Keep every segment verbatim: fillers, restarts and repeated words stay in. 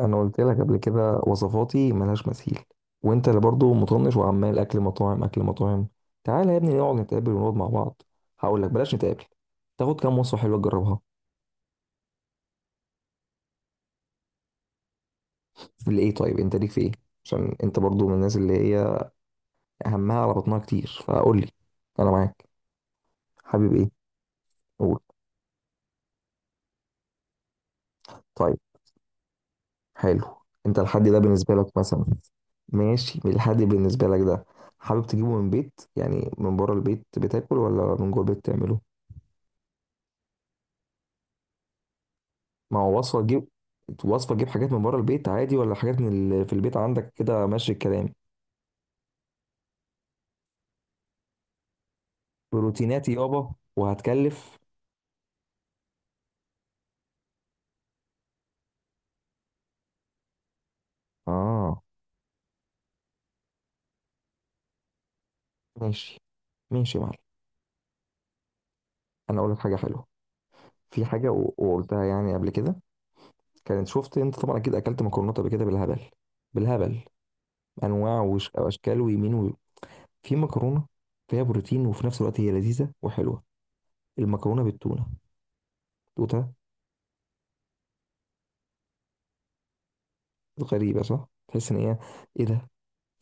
انا قلت لك قبل كده وصفاتي ملهاش مثيل. وانت اللي برضه مطنش وعمال اكل مطاعم اكل مطاعم. تعالى يا ابني نقعد نتقابل ونقعد مع بعض. هقول لك بلاش نتقابل، تاخد كام وصفه حلوه تجربها. لإيه؟ طيب انت ليك في ايه؟ عشان انت برضه من الناس اللي هي همها على بطنها كتير، فقول لي انا معاك. حابب ايه؟ قول. طيب، حلو. انت الحد ده بالنسبه لك مثلا؟ ماشي الحد بالنسبه لك ده؟ حابب تجيبه من بيت، يعني من بره البيت بتاكل، ولا من جوه البيت تعمله؟ ما هو وصفة تجيب. وصفة تجيب حاجات من بره البيت عادي، ولا حاجات من ال... في البيت عندك كده ماشي الكلام؟ بروتينات يابا وهتكلف. اه. ماشي ماشي يا معلم، انا اقول لك حاجة حلوة. في حاجة و- وقلتها يعني قبل كده، كانت شفت انت طبعا اكيد اكلت مكرونات قبل كده بالهبل، بالهبل. انواع وش- واشكال ويمين و... في مكرونة فيها بروتين، وفي نفس الوقت هي لذيذة وحلوة. المكرونة بالتونة، دوتها. غريبة صح؟ تحس ان هي، ايه ده؟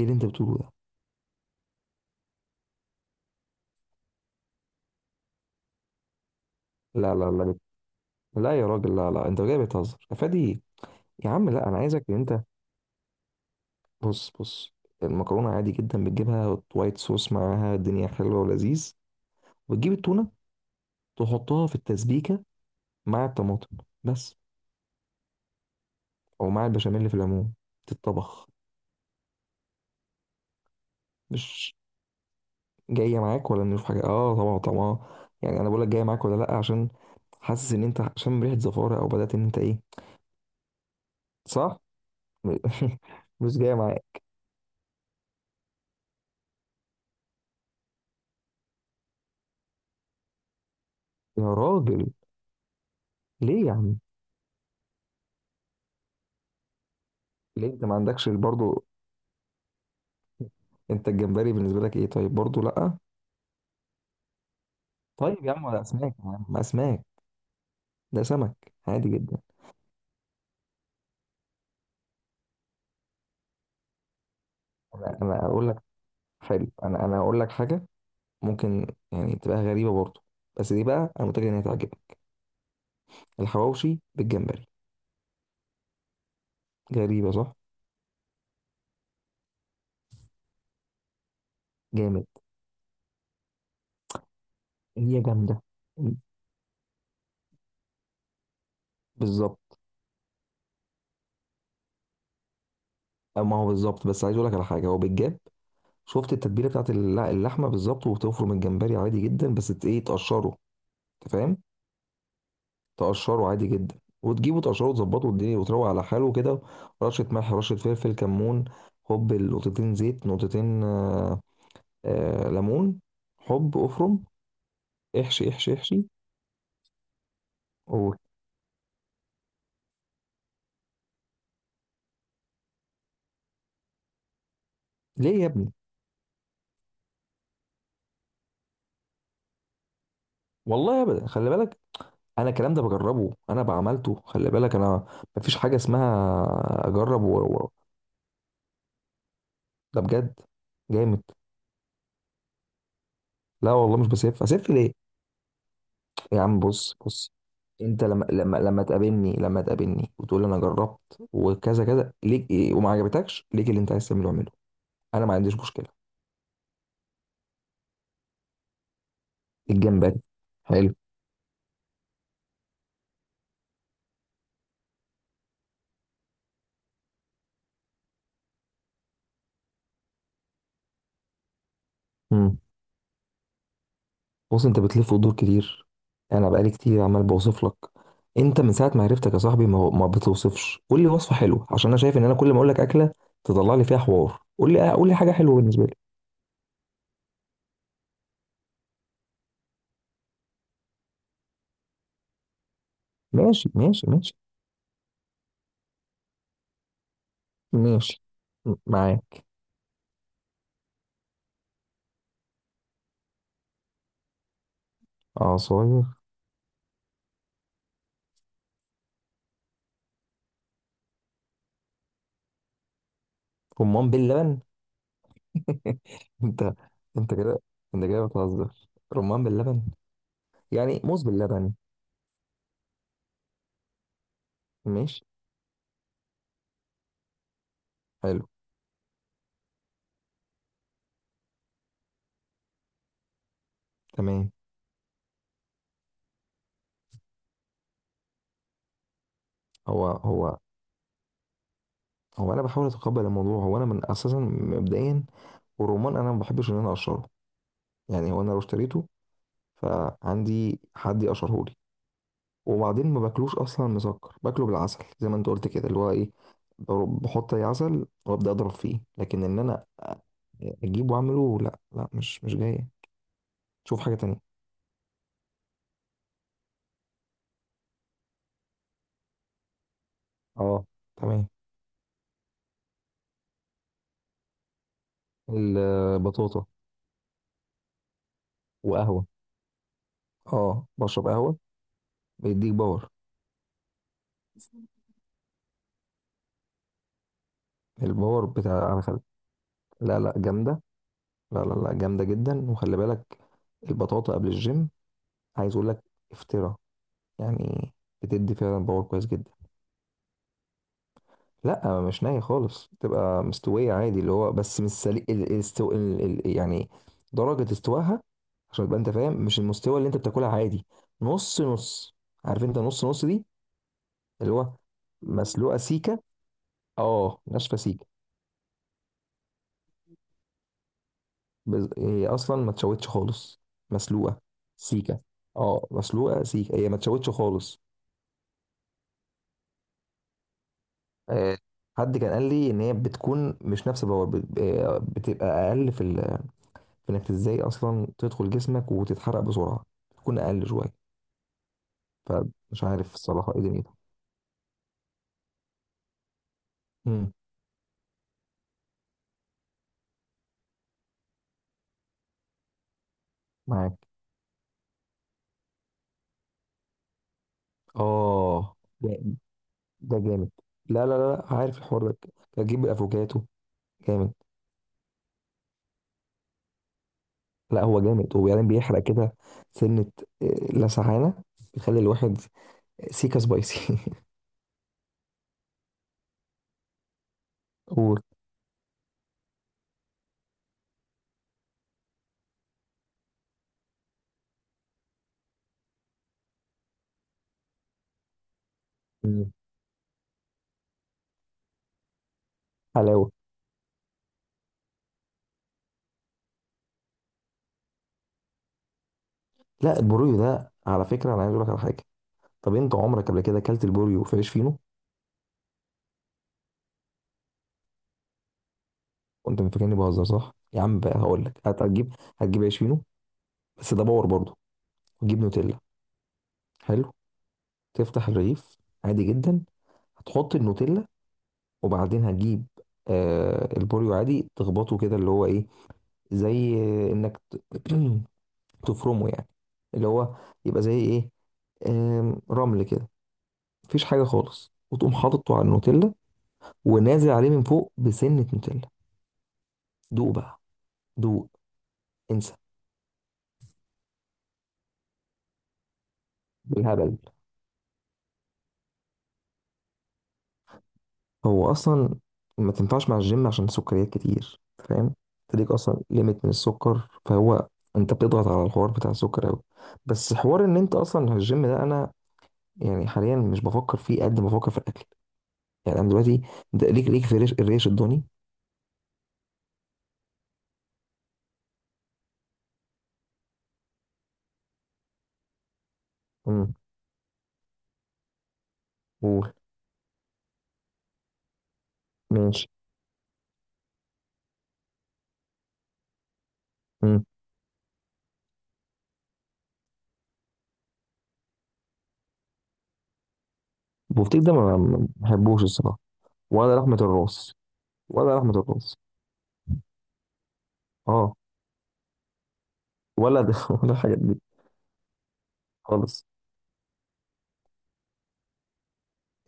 ايه اللي انت بتقوله ده؟ لا لا لا لا، يا راجل لا لا، انت جاي بتهزر افادي. يا عم لا، انا عايزك ان انت، بص بص، المكرونه عادي جدا بتجيبها وايت صوص معاها، الدنيا حلوه ولذيذ. وتجيب التونه، تحطها في التسبيكه مع الطماطم بس، او مع البشاميل اللي في العموم تتطبخ. مش جايه معاك ولا نشوف حاجه؟ اه طبعا طبعا. يعني انا بقول لك جايه معاك ولا لا، عشان حاسس ان انت عشان ريحه زفاره او بدات ان انت ايه. صح. مش جايه معاك، يا راجل. ليه يا عم؟ ليه انت ما عندكش برضه؟ انت الجمبري بالنسبه لك ايه طيب؟ برضو لا؟ طيب يا عم، ولا اسماك يا عم اسماك، ده سمك عادي جدا. انا انا اقول لك، حلو، انا انا اقول لك حاجه، ممكن يعني تبقى غريبه برضو، بس دي بقى انا متاكد ان هي تعجبك. الحواوشي بالجمبري. غريبه صح؟ جامد. هي جامده. بالظبط. أو ما هو بالظبط، بس عايز اقول لك على حاجه هو بالجاب. شفت التتبيله بتاعت اللح- اللحمه بالظبط، وبتفرم الجمبري عادي جدا، بس ت- ايه، تقشره. انت فاهم؟ تقشره عادي جدا، وتجيبه تقشره وتظبطه والدنيا، وتروق على حاله كده. رشة ملح، رشة فلفل، كمون، حب، نقطتين زيت، نقطتين آه، آه ليمون، حب افرم. احشي احشي احشي، قول. ليه يا ابني؟ والله ابدا، خلي بالك، انا الكلام ده بجربه، انا بعملته، خلي بالك انا، مفيش حاجة اسمها. اجرب و... و... ده بجد، جامد. لا والله مش بسف، اسف ليه؟ يا عم بص بص، انت لما لما لما تقابلني، لما تقابلني وتقول لي انا جربت وكذا كذا، ليك ايه وما عجبتكش، ليك اللي انت عايز تعمله اعمله، انا ما عنديش مشكله. الجمبري، حلو. امم. بص انت بتلف وتدور كتير، انا بقالي كتير عمال بوصف لك. انت من ساعه ما عرفتك يا صاحبي ما, ما بتوصفش. قول لي وصفه حلوه، عشان انا شايف ان انا كل ما اقول لك اكله تطلع لي فيها حوار. قول لي قول لي حاجه حلوه بالنسبه لي. ماشي ماشي ماشي ماشي. م- معايا. عصاير؟ رمان باللبن؟ انت، انت كده انت كده بتهزر. رمان باللبن؟ يعني موز باللبن. ماشي. حلو. تمام. هو هو هو انا بحاول اتقبل الموضوع، هو انا من اساسا مبدئيا، والرمان انا ما بحبش ان انا اقشره، يعني هو انا لو اشتريته فعندي حد يقشره لي، وبعدين ما باكلوش اصلا، مسكر باكله بالعسل زي ما انت قلت كده اللي هو ايه، بر- بحط اي عسل وابدا اضرب فيه. لكن ان انا اجيبه واعمله، لا لا، مش مش جايه. شوف حاجه تانية. اه، تمام. البطاطا وقهوه. اه بشرب قهوة بيديك باور. الباور بتاع انا خل... لا لا جامدة، لا لا لا جامدة جدا. وخلي بالك، البطاطا قبل الجيم، عايز اقول لك، افترا، يعني بتدي فعلا باور كويس جدا. لا مش ناية خالص، تبقى مستوية عادي اللي هو، بس مش سليق ال... الاستو... ال... ال... يعني درجة استواها، عشان تبقى انت فاهم مش المستوى اللي انت بتاكلها عادي. نص نص، عارف انت نص نص دي، اللي هو مسلوقة سيكة. اه ناشفة سيكة. بز... هي اصلا ما تشوتش خالص. مسلوقه سيكه، اه مسلوقه سيكه، هي ما تشوتش خالص. آه، حد كان قال لي ان هي بتكون مش نفس الباور، بت- آه، بتبقى اقل في, ال... في انك ازاي اصلا تدخل جسمك وتتحرق بسرعه، بتكون اقل شويه. فمش عارف الصراحه ايه دنيتها. امم. معاك. اه. ده ده جامد. لا لا لا لا، عارف الحوار ده؟ تجيب الافوكاتو. جامد. لا هو جامد، وبعدين بيحرق كده، سنه، آه، لسعانه، بيخلي الواحد سيكا سبايسي. وحلاوه. لا البوريو ده على فكره، انا عايز اقول لك على حاجه. طب انت عمرك قبل كده اكلت البوريو في عيش فينو؟ وانت فاكرني بهزر صح يا عم بقى؟ هقول لك، هت- هتجيب هتجيب عيش فينو، بس ده باور برضه. وتجيب نوتيلا. حلو. تفتح الرغيف عادي جدا، هتحط النوتيلا، وبعدين هتجيب آه البوريو، عادي تخبطه كده اللي هو ايه، زي انك ت- تفرمه يعني، اللي هو يبقى زي ايه، آم، رمل كده، مفيش حاجة خالص، وتقوم حاططه على النوتيلا، ونازل عليه من فوق بسنة نوتيلا. دوق بقى دوق، انسى. بالهبل. هو أصلا ما تنفعش مع الجيم عشان سكريات كتير، فاهم؟ تديك أصلا ليميت من السكر، فهو أنت بتضغط على الحوار بتاع السكر أوي. بس حوار إن أنت أصلا الجيم ده، أنا يعني حاليا مش بفكر فيه قد ما بفكر في الأكل. يعني أنا دلوقتي، ده ليك ليك في الريش الريش الضاني. امم. قول. ماشي. امم. البفتيك ده ما ما- ما بحبوش الصراحة. ولا لحمة الراس، ولا لحمة الراس. اه، ولا ده ولا الحاجات دي، خالص.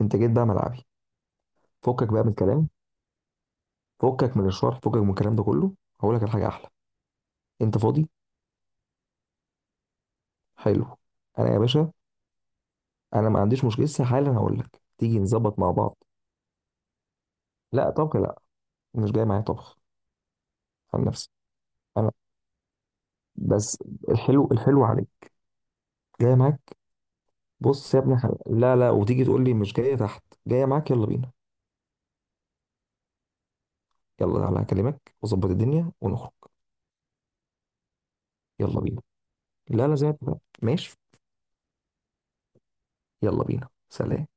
انت جيت بقى ملعبي. فكك بقى من الكلام، فكك من الشرح، فكك من الكلام ده كله. هقول لك الحاجة احلى، انت فاضي؟ حلو. انا يا باشا انا ما عنديش مشكلة لسه حالا، هقول لك تيجي نظبط مع بعض. لا طبخ لا، مش جاي معايا طبخ. عن نفسي انا بس، الحلو الحلو عليك، جاي معاك. بص يا ابني، حلو. لا لا، وتيجي تقول لي مش جاية؟ تحت، جاية معاك، يلا بينا. يلا تعالى هكلمك واظبط الدنيا ونخرج. يلا بينا. لا لا زي ما اتفقنا. ماشي. يلا بينا، سلام.